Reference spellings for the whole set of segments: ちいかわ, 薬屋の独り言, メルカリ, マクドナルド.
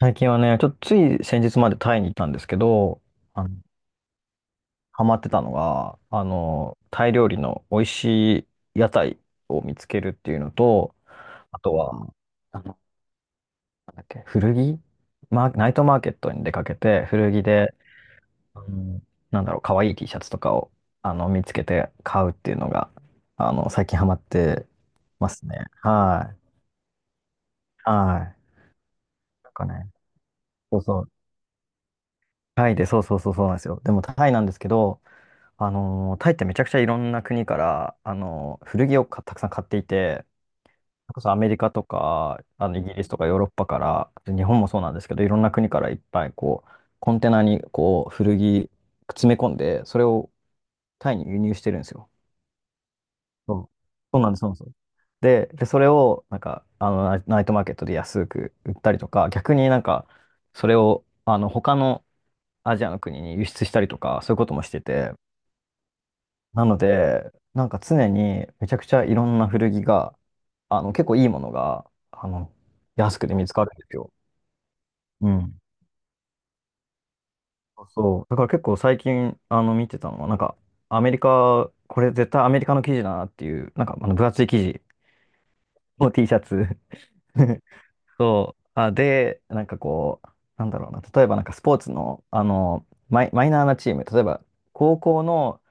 最近はね、ちょっとつい先日までタイにいたんですけど、あの、ハマってたのが、タイ料理の美味しい屋台を見つけるっていうのと、あとは、あの、なんだっけ、古着マーナイトマーケットに出かけて、古着で、あの可愛い T シャツとかを、見つけて買うっていうのが、最近ハマってますね。はい。はい。なんかね、そうそう。タイで、そうそうそうそうなんですよ。でもタイなんですけど、タイってめちゃくちゃいろんな国から、古着をたくさん買っていて、それこそアメリカとか、イギリスとかヨーロッパから、日本もそうなんですけど、いろんな国からいっぱいコンテナに古着詰め込んで、それをタイに輸入してるんですよ。そう、そうなんです、そうなんです。で、それを、ナイ、ナイトマーケットで安く売ったりとか、逆にそれを、他のアジアの国に輸出したりとか、そういうこともしてて、なので、常にめちゃくちゃいろんな古着が、結構いいものが、安くて見つかるんですよ。うん。そう。だから結構最近、見てたのは、アメリカ、これ絶対アメリカの生地だなっていう、分厚い生地の T シャツ。そう。あ、で、なんかこう、なんだろうな、例えばスポーツの、マイナーなチーム、例えば、高校の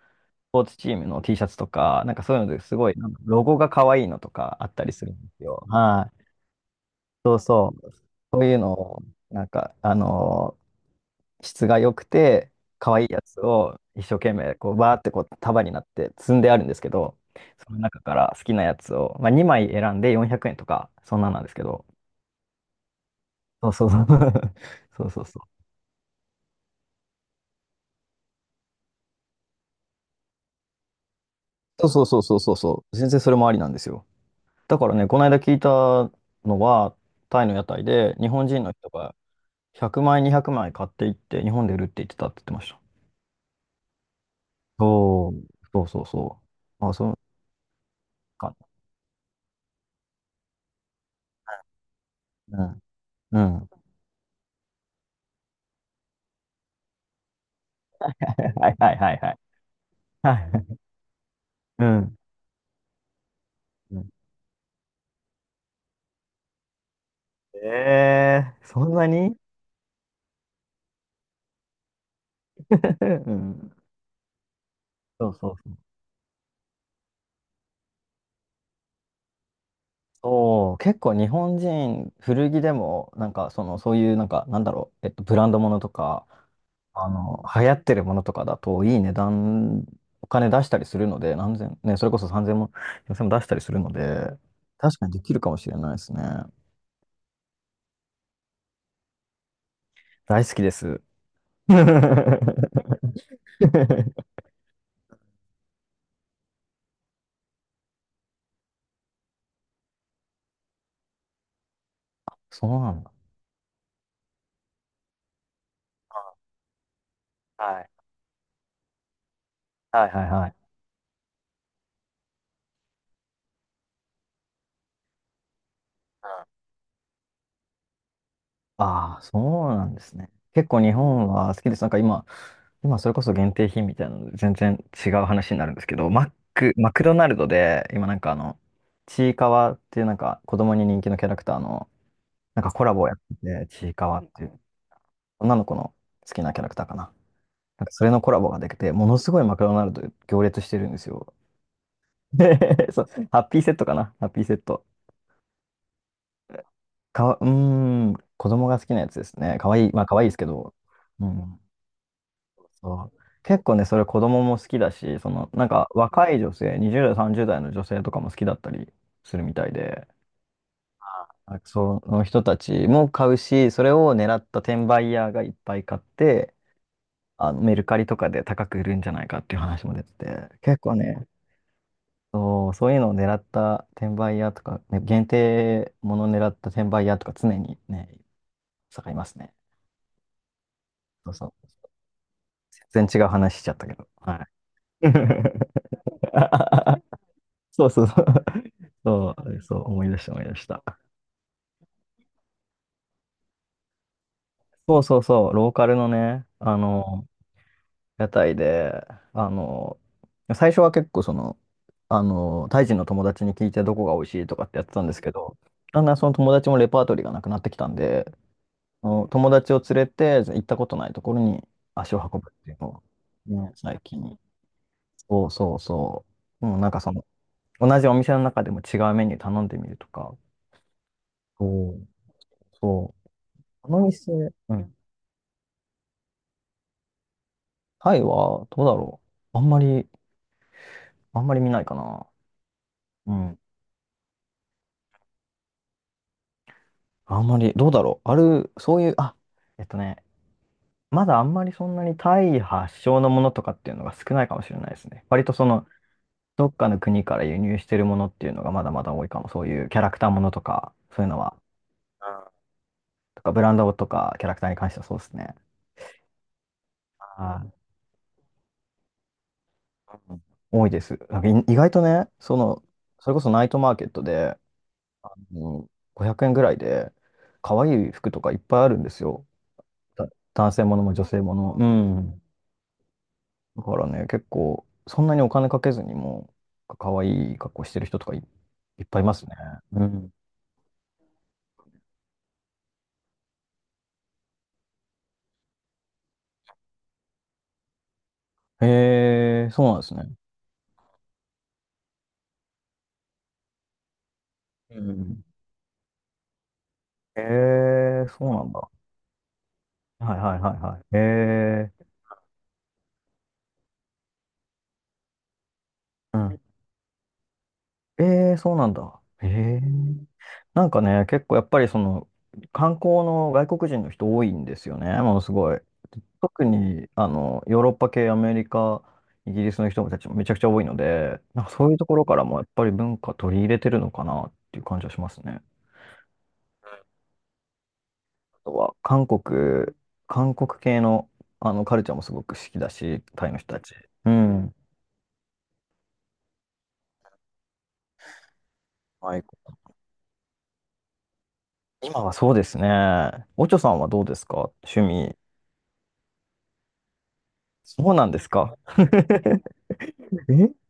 ポーツチームの T シャツとか、そういうのですごい、ロゴが可愛いのとかあったりするんですよ。はい。そうそう。そういうのを、なんか、あのー質が良くて、可愛いやつを一生懸命、バーって束になって積んであるんですけど、その中から好きなやつを、まあ、2枚選んで400円とか、そんなんなんですけど、そうそうそう。そうそうそう。そうそうそうそうそうそう。全然それもありなんですよ。だからね、この間聞いたのは、タイの屋台で日本人の人が100枚、200枚買っていって、日本で売るって言ってたって言ってました。そう。そうそうそう。あ、そうかね。うん。うん。はいはいはいはい。はい。うん。うん。えーそんなに。 うん。そうそうそう。そう、結構日本人、古着でも、なんか、その、そういう、なんか、なんだろう、えっと、ブランドものとか、流行ってるものとかだと、いい値段、お金出したりするので、何千、ね、それこそ3000も、4 0も出したりするので、確かにできるかもしれないですね。大好きです。そうなんだ。はい。はいはいはい。ああ、そうなんですね。結構日本は好きです。今それこそ限定品みたいなので全然違う話になるんですけど、マック、マクドナルドで、今ちいかわっていう子供に人気のキャラクターの、コラボをやってて、ちいかわっていう、女の子の好きなキャラクターかな。それのコラボができて、ものすごいマクドナルド行列してるんですよ。で、 そう、ハッピーセットかな、ハッピーセット。かわ、うーん、子供が好きなやつですね。かわいい、まあかわいいですけど。うん、そう。結構ね、それ子供も好きだし、その、若い女性、20代、30代の女性とかも好きだったりするみたいで、あ、その人たちも買うし、それを狙った転売ヤーがいっぱい買って、メルカリとかで高く売るんじゃないかっていう話も出てて、結構ね、そう、そういうのを狙った転売屋とか、ね、限定ものを狙った転売屋とか常にね、盛りますね。そうそう。全然違う話しちゃったけど。はい。そうそうそう。そう、そう、思い出した、思い出した。そうそうそう、ローカルのね、屋台で、あの、最初は結構タイ人の友達に聞いてどこが美味しいとかってやってたんですけど、だんだんその友達もレパートリーがなくなってきたんで、あの友達を連れて行ったことないところに足を運ぶっていうのを、ね、最近。そうそうそう。もう同じお店の中でも違うメニュー頼んでみるとか。そう、そう。この店、うん。タイはどうだろう。あんまり、あんまり見ないかな。うん、あんまり、どうだろう。ある、そういう、あ、えっとね、まだあんまりそんなにタイ発祥のものとかっていうのが少ないかもしれないですね。割とその、どっかの国から輸入してるものっていうのがまだまだ多いかも。そういうキャラクターものとか、そういうのは、あ、とかブランドとかキャラクターに関してはそうですね。あ、はい。うん、多いです。なんかい意外とね、その、それこそナイトマーケットで、うん、500円ぐらいで、可愛い服とかいっぱいあるんですよ。だ、男性ものも女性ものも。うん。だからね、結構、そんなにお金かけずにも、可愛い格好してる人とかい、いっぱいいますね。うん。へえ、そうなんですね。うん。へえ、そうなんだ。はいはいはいはい。へえ、うん。ええ、そうなんだ。へえ。結構やっぱりその観光の外国人の人多いんですよね、ものすごい。特にヨーロッパ系、アメリカ、イギリスの人たちもめちゃくちゃ多いので、そういうところからもやっぱり文化取り入れてるのかなっていう感じはしますね。あとは韓国、韓国系の、カルチャーもすごく好きだし、タイの人たち。うん。はい。今はそうですね。おちょさんはどうですか、趣味。そうなんですか。え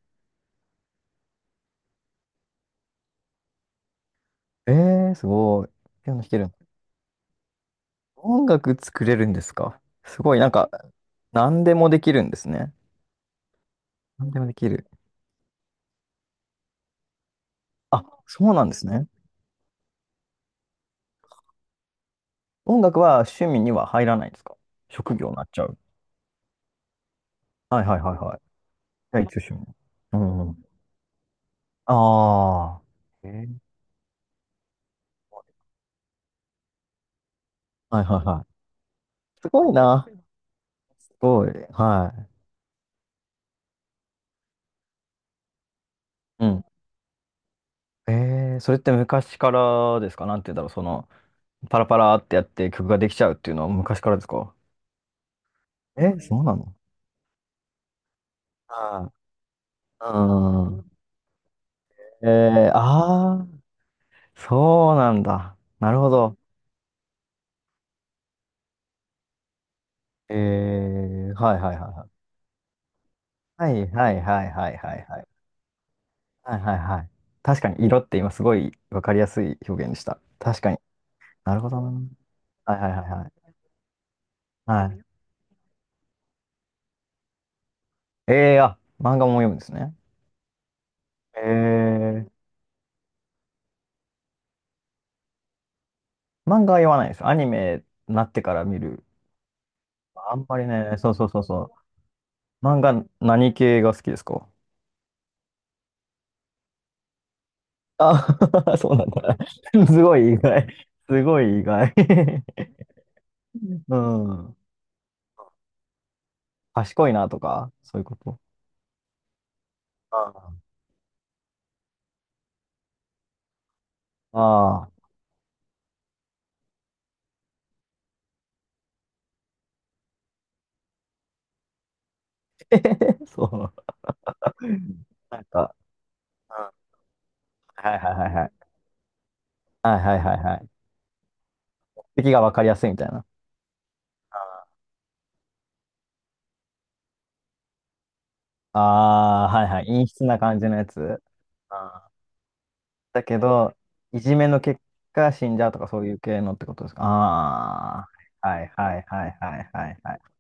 えー、すごい。ピアノ弾ける。音楽作れるんですか、すごい、なんか、何でもできるんですね。何でもできる。あ、そうなんですね。音楽は趣味には入らないんですか。職業になっちゃう。はいはいはいはい。じゃあ一応趣味。うんうん。ああ。えー、はいはいはい。すごいな。すごい。はい。うん。えー、それって昔からですか、なんて言うんだろう。その、パラパラってやって曲ができちゃうっていうのは昔からですか。え、そうなの。はい。うん。えー、ああ。そうなんだ。なるほど。えー、はいはいはいはい。はいはいはいはいはいはい。はいはいはい。確かに色って今すごいわかりやすい表現でした。確かに。なるほどな。はいはいはいはい。はい。あ、漫画も読むんですね。えー、漫画は読まないです。アニメになってから見る。あんまりね、そうそうそうそう。漫画何系が好きですか？あ、そうなんだ。すごい意外。すごい意外。うん。賢いなとか、そういうこと。ああ、ああ、えへへそう。なんか、うん、はいはいはいはい。はいはいはいはい。敵が分かりやすいみたいな。あ、ああ、はいはい。陰湿な感じのやつ。ああ、だけど、いじめの結果死んじゃうとかそういう系のってことですか？ああ、はいはいはいはいはいはい。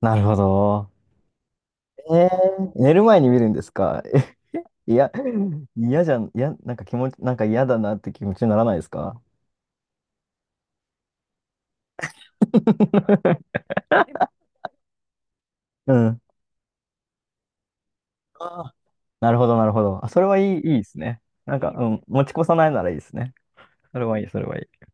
なるほど。え寝る前に見るんですか？いや、嫌じゃん、いや、なんか気持ち、なんか嫌だなって気持ちにならないですか？うん。ああ、なるほど、なるほど。あ、それはいい、いいですね。なんか、うん、持ち越さないならいいですね。それはいい、それはいい。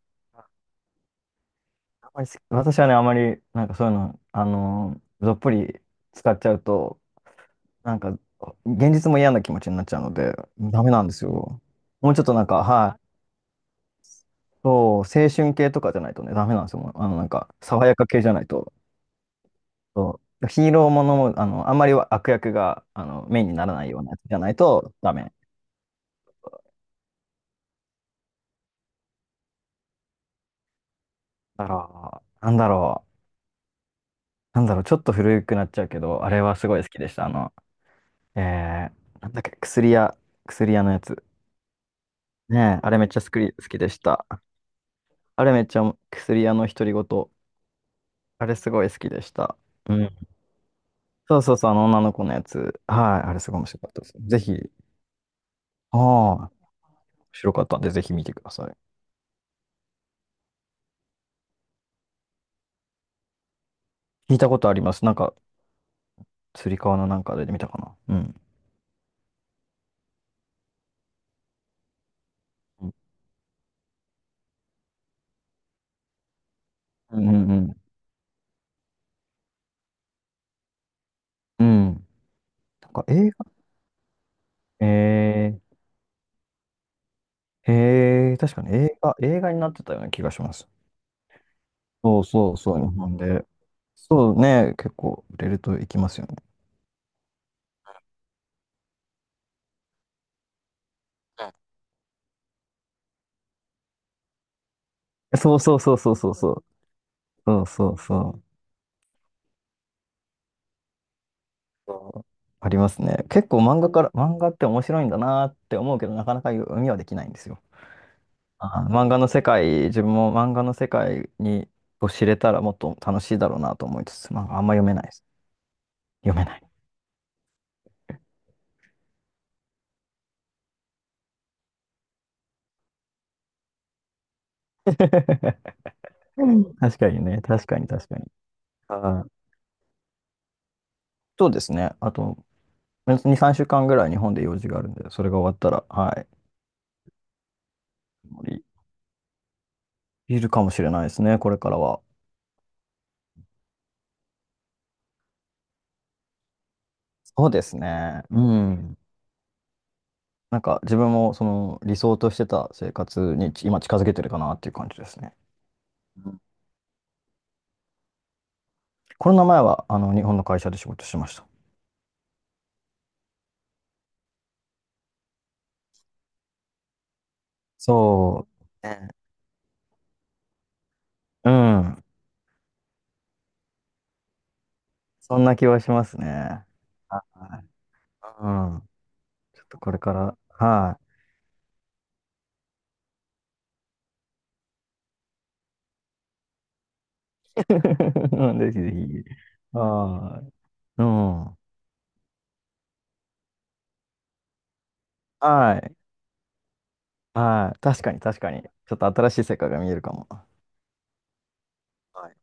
あんまりす私はね、あまり、なんかそういうの、どっぷり使っちゃうと、なんか、現実も嫌な気持ちになっちゃうので、ダメなんですよ。もうちょっとなんか、はい、そう、青春系とかじゃないとね、ダメなんですよ。もうあの、なんか、爽やか系じゃないと。そうヒーローものも、あの、あんまり悪役が、あの、メインにならないようなやつじゃないとダメ。だから、なんだろう。なんだろう、ちょっと古くなっちゃうけど、あれはすごい好きでした。あの、えー、なんだっけ、薬屋、薬屋のやつ。ねえ、あれめっちゃ好き、好きでした。あれめっちゃ薬屋の独り言。あれすごい好きでした。うん。そうそうそう、あの女の子のやつ。はい、あれすごい面白かったです。ぜひ、ああ、面白かったんで、ぜひ見てください。聞いたことあります。なんか、つり革のなんかで見たかな。うん。うんうんうん。うん。なんか映画、え確かに映画、映画になってたような気がします。そうそうそう、日本で。そうね、結構売れるといきますよね。そうそうそうそうそうそう。そうそうそうそう。ありますね。結構漫画から、漫画って面白いんだなって思うけど、なかなか読みはできないんですよ。漫画の世界、自分も漫画の世界にを知れたらもっと楽しいだろうなと思いつつ、まあ、あんま読めないです。読めない。うん、確かにね、確かに確かに。あーそうですね。あと、2、3週間ぐらい日本で用事があるんで、それが終わったら、はい。いるかもしれないですね、これからは。そうですね。うん。なんか自分もその理想としてた生活に今近づけてるかなっていう感じですね。うん、コロナ前はあの日本の会社で仕事してました。そう。ね。うん。そんな気はしますね。はい。うん。ちょっとこれから、はい。うん、ぜひぜひ。はい。うん。はい。はい。確かに確かに。ちょっと新しい世界が見えるかも。はい。